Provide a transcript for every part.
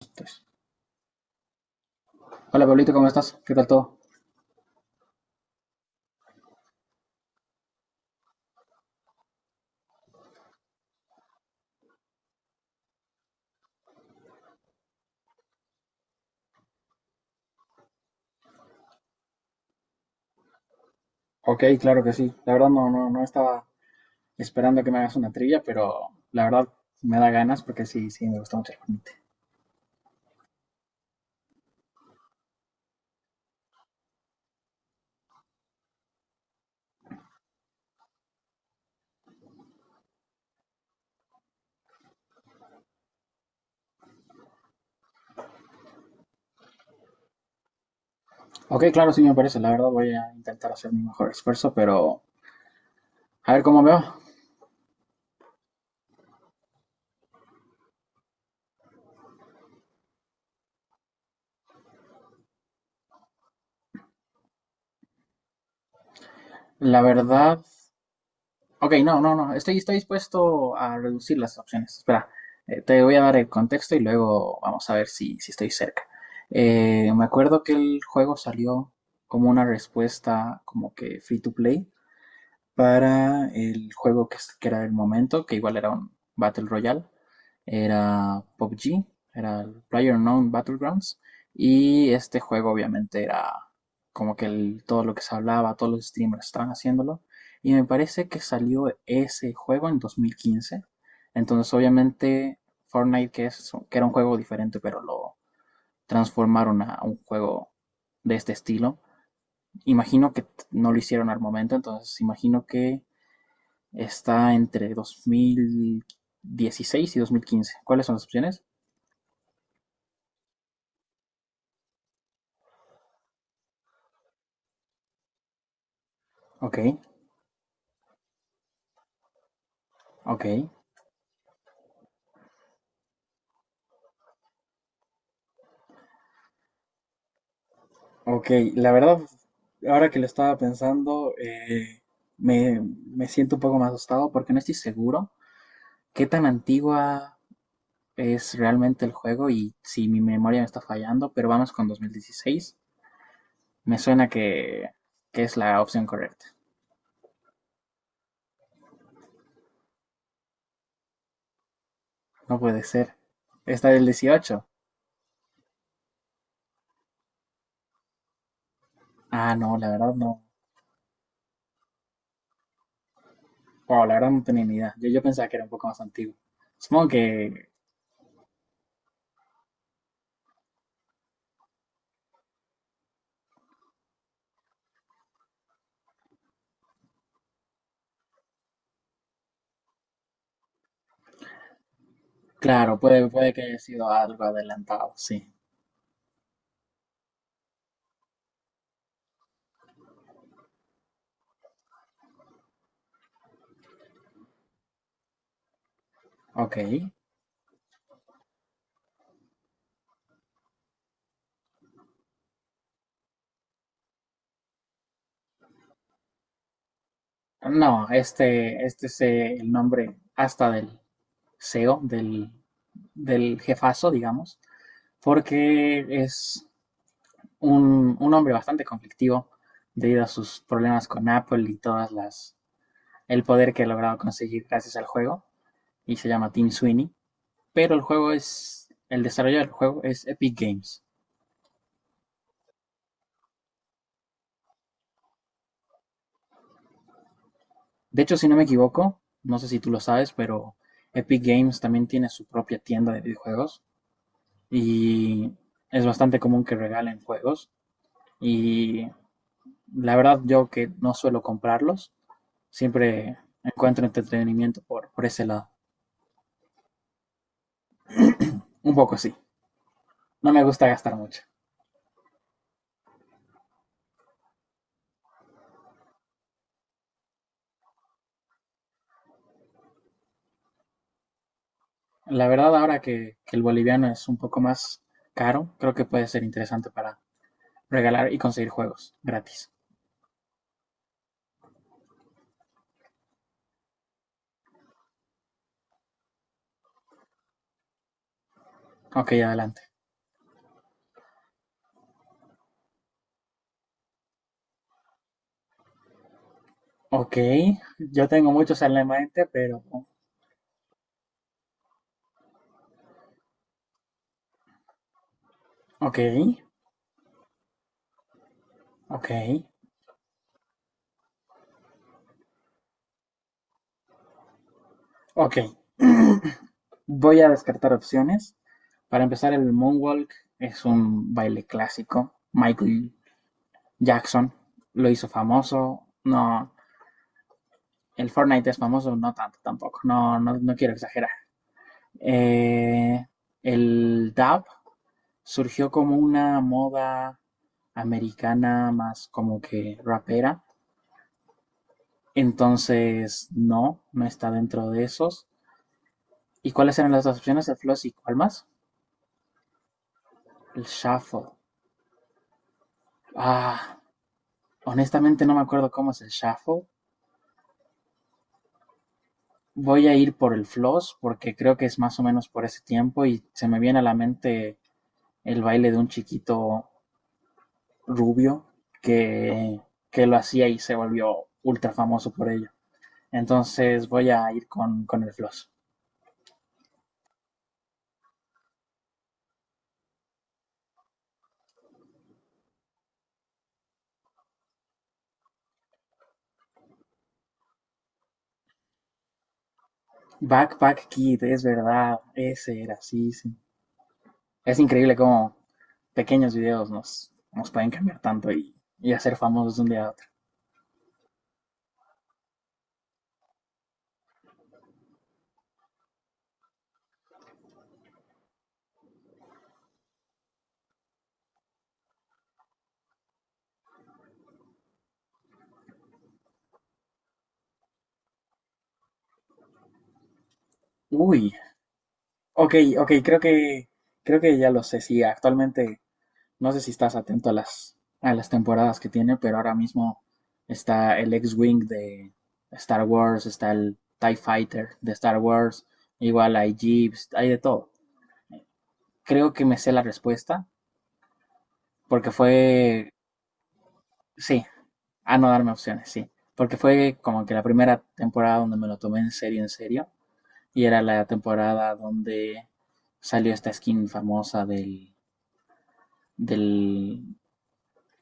Entonces, hola Pablito, ¿cómo estás? ¿Qué tal todo? Ok, claro que sí. La verdad no estaba esperando que me hagas una trivia, pero la verdad me da ganas porque sí, sí, me gusta mucho el Fortnite. Ok, claro, sí me parece. La verdad voy a intentar hacer mi mejor esfuerzo, pero a ver cómo me va. La verdad... Ok, no, no, no. Estoy dispuesto a reducir las opciones. Espera, te voy a dar el contexto y luego vamos a ver si, si estoy cerca. Me acuerdo que el juego salió como una respuesta como que free to play para el juego que era el momento, que igual era un Battle Royale, era PUBG, era el PlayerUnknown Battlegrounds, y este juego obviamente era como que el- todo lo que se hablaba, todos los streamers estaban haciéndolo, y me parece que salió ese juego en 2015, entonces obviamente Fortnite, que, es, que era un juego diferente, pero lo transformaron a un juego de este estilo, imagino que no lo hicieron al momento, entonces imagino que está entre 2016 y 2015. ¿Cuáles son las opciones? Ok, ok, ok. La verdad, ahora que lo estaba pensando, me siento un poco más asustado porque no estoy seguro qué tan antigua es realmente el juego y si mi memoria me está fallando, pero vamos con 2016. Me suena que es la opción correcta. No puede ser. Está del 18. Ah, no, la verdad no. Wow, la verdad no tenía ni idea. Yo pensaba que era un poco más antiguo. Supongo que, claro, puede que haya sido algo adelantado, sí. Ok. No, este es el nombre hasta del CEO, del jefazo, digamos, porque es un hombre bastante conflictivo debido a sus problemas con Apple y todas las, el poder que ha logrado conseguir gracias al juego, y se llama Tim Sweeney. Pero el juego es, el desarrollo del juego es Epic Games. De hecho, si no me equivoco, no sé si tú lo sabes, pero Epic Games también tiene su propia tienda de videojuegos y es bastante común que regalen juegos. Y la verdad, yo que no suelo comprarlos, siempre encuentro entretenimiento por ese lado. Un poco sí, no me gusta gastar mucho. La verdad, ahora que el boliviano es un poco más caro, creo que puede ser interesante para regalar y conseguir juegos gratis. Ok, adelante. Ok, yo tengo muchos en la mente, pero ok, ok, ok. Voy a descartar opciones. Para empezar, el moonwalk es un baile clásico. Michael Jackson lo hizo famoso. No, el Fortnite es famoso, no tanto tampoco. No, no, no quiero exagerar. Eh, el dab surgió como una moda americana más como que rapera. Entonces, no, no está dentro de esos. ¿Y cuáles eran las dos opciones? ¿El floss y cuál más? El shuffle. Ah, honestamente no me acuerdo cómo es el shuffle. Voy a ir por el floss porque creo que es más o menos por ese tiempo y se me viene a la mente el baile de un chiquito rubio que, que lo hacía y se volvió ultra famoso por ello. Entonces voy a ir con el floss. Backpack Kid, es verdad, ese era, sí, sí. Es increíble cómo pequeños videos nos pueden cambiar tanto y hacer famosos de un día a otro. Uy, ok, ok, creo que ya lo sé. Sí, actualmente no sé si estás atento a las temporadas que tiene, pero ahora mismo está el X-Wing de Star Wars, está el TIE Fighter de Star Wars, igual hay Jeeps, hay de todo. Creo que me sé la respuesta porque fue, sí, a no darme opciones, sí, porque fue como que la primera temporada donde me lo tomé en serio, y era la temporada donde salió esta skin famosa del del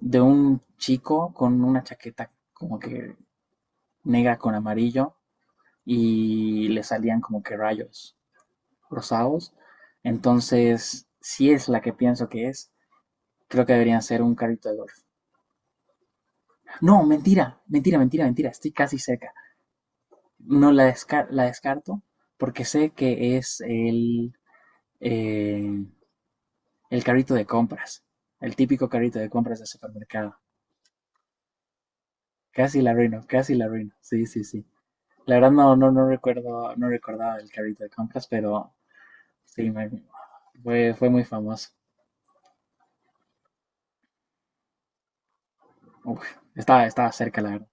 de un chico con una chaqueta como que negra con amarillo y le salían como que rayos rosados. Entonces, si es la que pienso que es, creo que deberían ser un carrito de golf. No, mentira, mentira, mentira, mentira, estoy casi cerca. No la, desca- la descarto porque sé que es eh, el carrito de compras, el típico carrito de compras de supermercado. Casi la arruino, casi la arruino. Sí, sí, sí. La verdad no, no, no recuerdo, no recordaba el carrito de compras, pero sí, me- fue, fue muy famoso. Uf, estaba, estaba cerca, la verdad.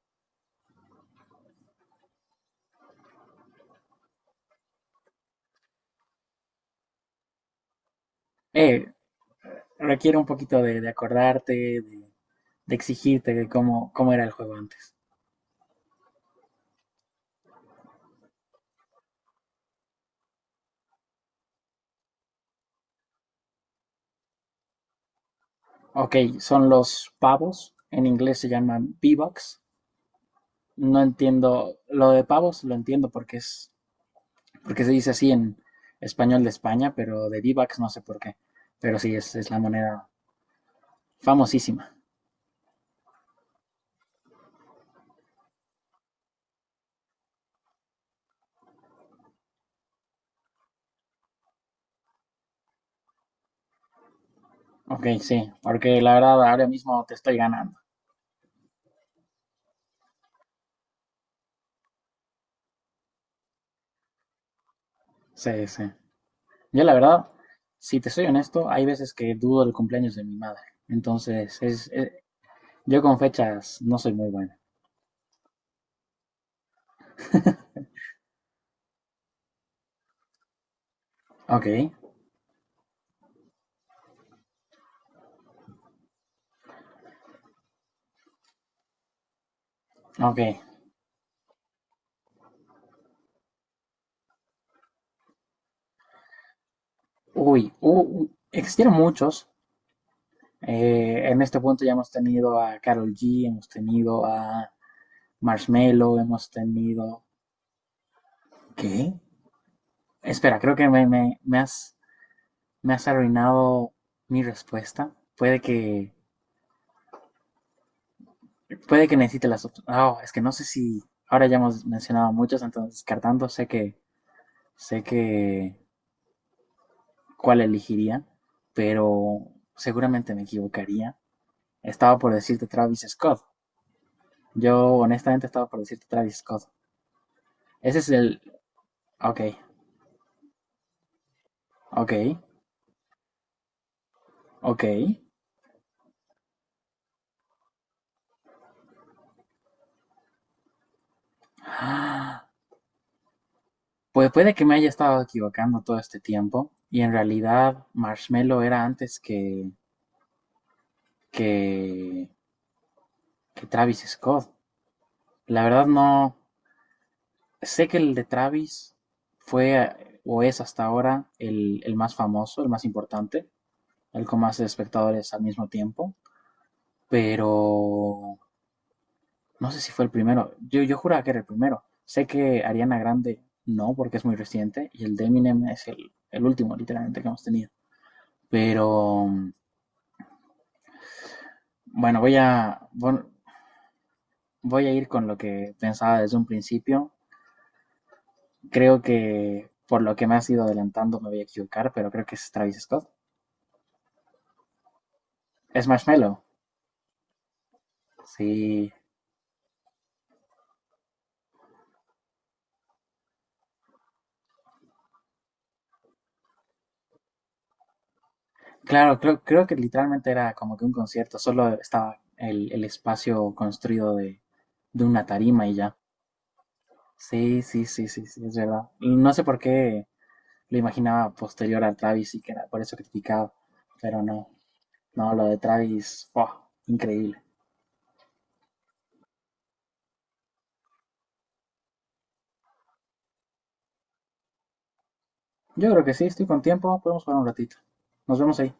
Eh, Requiere un poquito de acordarte, de exigirte de cómo, cómo era el juego antes. Ok, son los pavos, en inglés se llaman V-Bucks. No entiendo, lo de pavos lo entiendo porque es, porque se dice así en español de España, pero de V-Bucks no sé por qué. Pero sí, es la moneda famosísima. Ok, sí, porque la verdad ahora mismo te estoy ganando. Sí, sí. Yo la verdad, si te soy honesto, hay veces que dudo el cumpleaños de mi madre. Entonces, es, yo con fechas no soy muy bueno. Ok, ok. Uy, u- existieron muchos. En este punto ya hemos tenido a Karol G, hemos tenido a Marshmello, hemos tenido... ¿Qué? Espera, creo que me has arruinado mi respuesta. Puede que necesite las opciones. Oh, es que no sé si. Ahora ya hemos mencionado muchos, entonces descartando, sé que. Sé que. ¿Cuál elegiría? Pero seguramente me equivocaría. Estaba por decirte Travis Scott. Yo, honestamente, estaba por decirte Travis Scott. Ese es el. Ok, ok, ok. Ah, pues puede que me haya estado equivocando todo este tiempo. Y en realidad, Marshmello era antes que. Que. Que Travis Scott. La verdad, no. Sé que el de Travis fue o es hasta ahora el más famoso, el más importante, el con más espectadores al mismo tiempo, pero no sé si fue el primero. Yo juraba que era el primero. Sé que Ariana Grande no, porque es muy reciente, y el de Eminem es el último, literalmente, que hemos tenido. Pero bueno, voy a ir con lo que pensaba desde un principio. Creo que por lo que me has ido adelantando me voy a equivocar, pero creo que es Travis Scott. Es Marshmello. Sí, claro, creo, creo que literalmente era como que un concierto, solo estaba el espacio construido de una tarima y ya. Sí, sí, sí, sí, sí, es verdad. Y no sé por qué lo imaginaba posterior a Travis y que era por eso criticado, pero no, no, lo de Travis, ¡buah! Increíble. Yo creo que sí, estoy con tiempo, podemos jugar un ratito. Nos vemos ahí.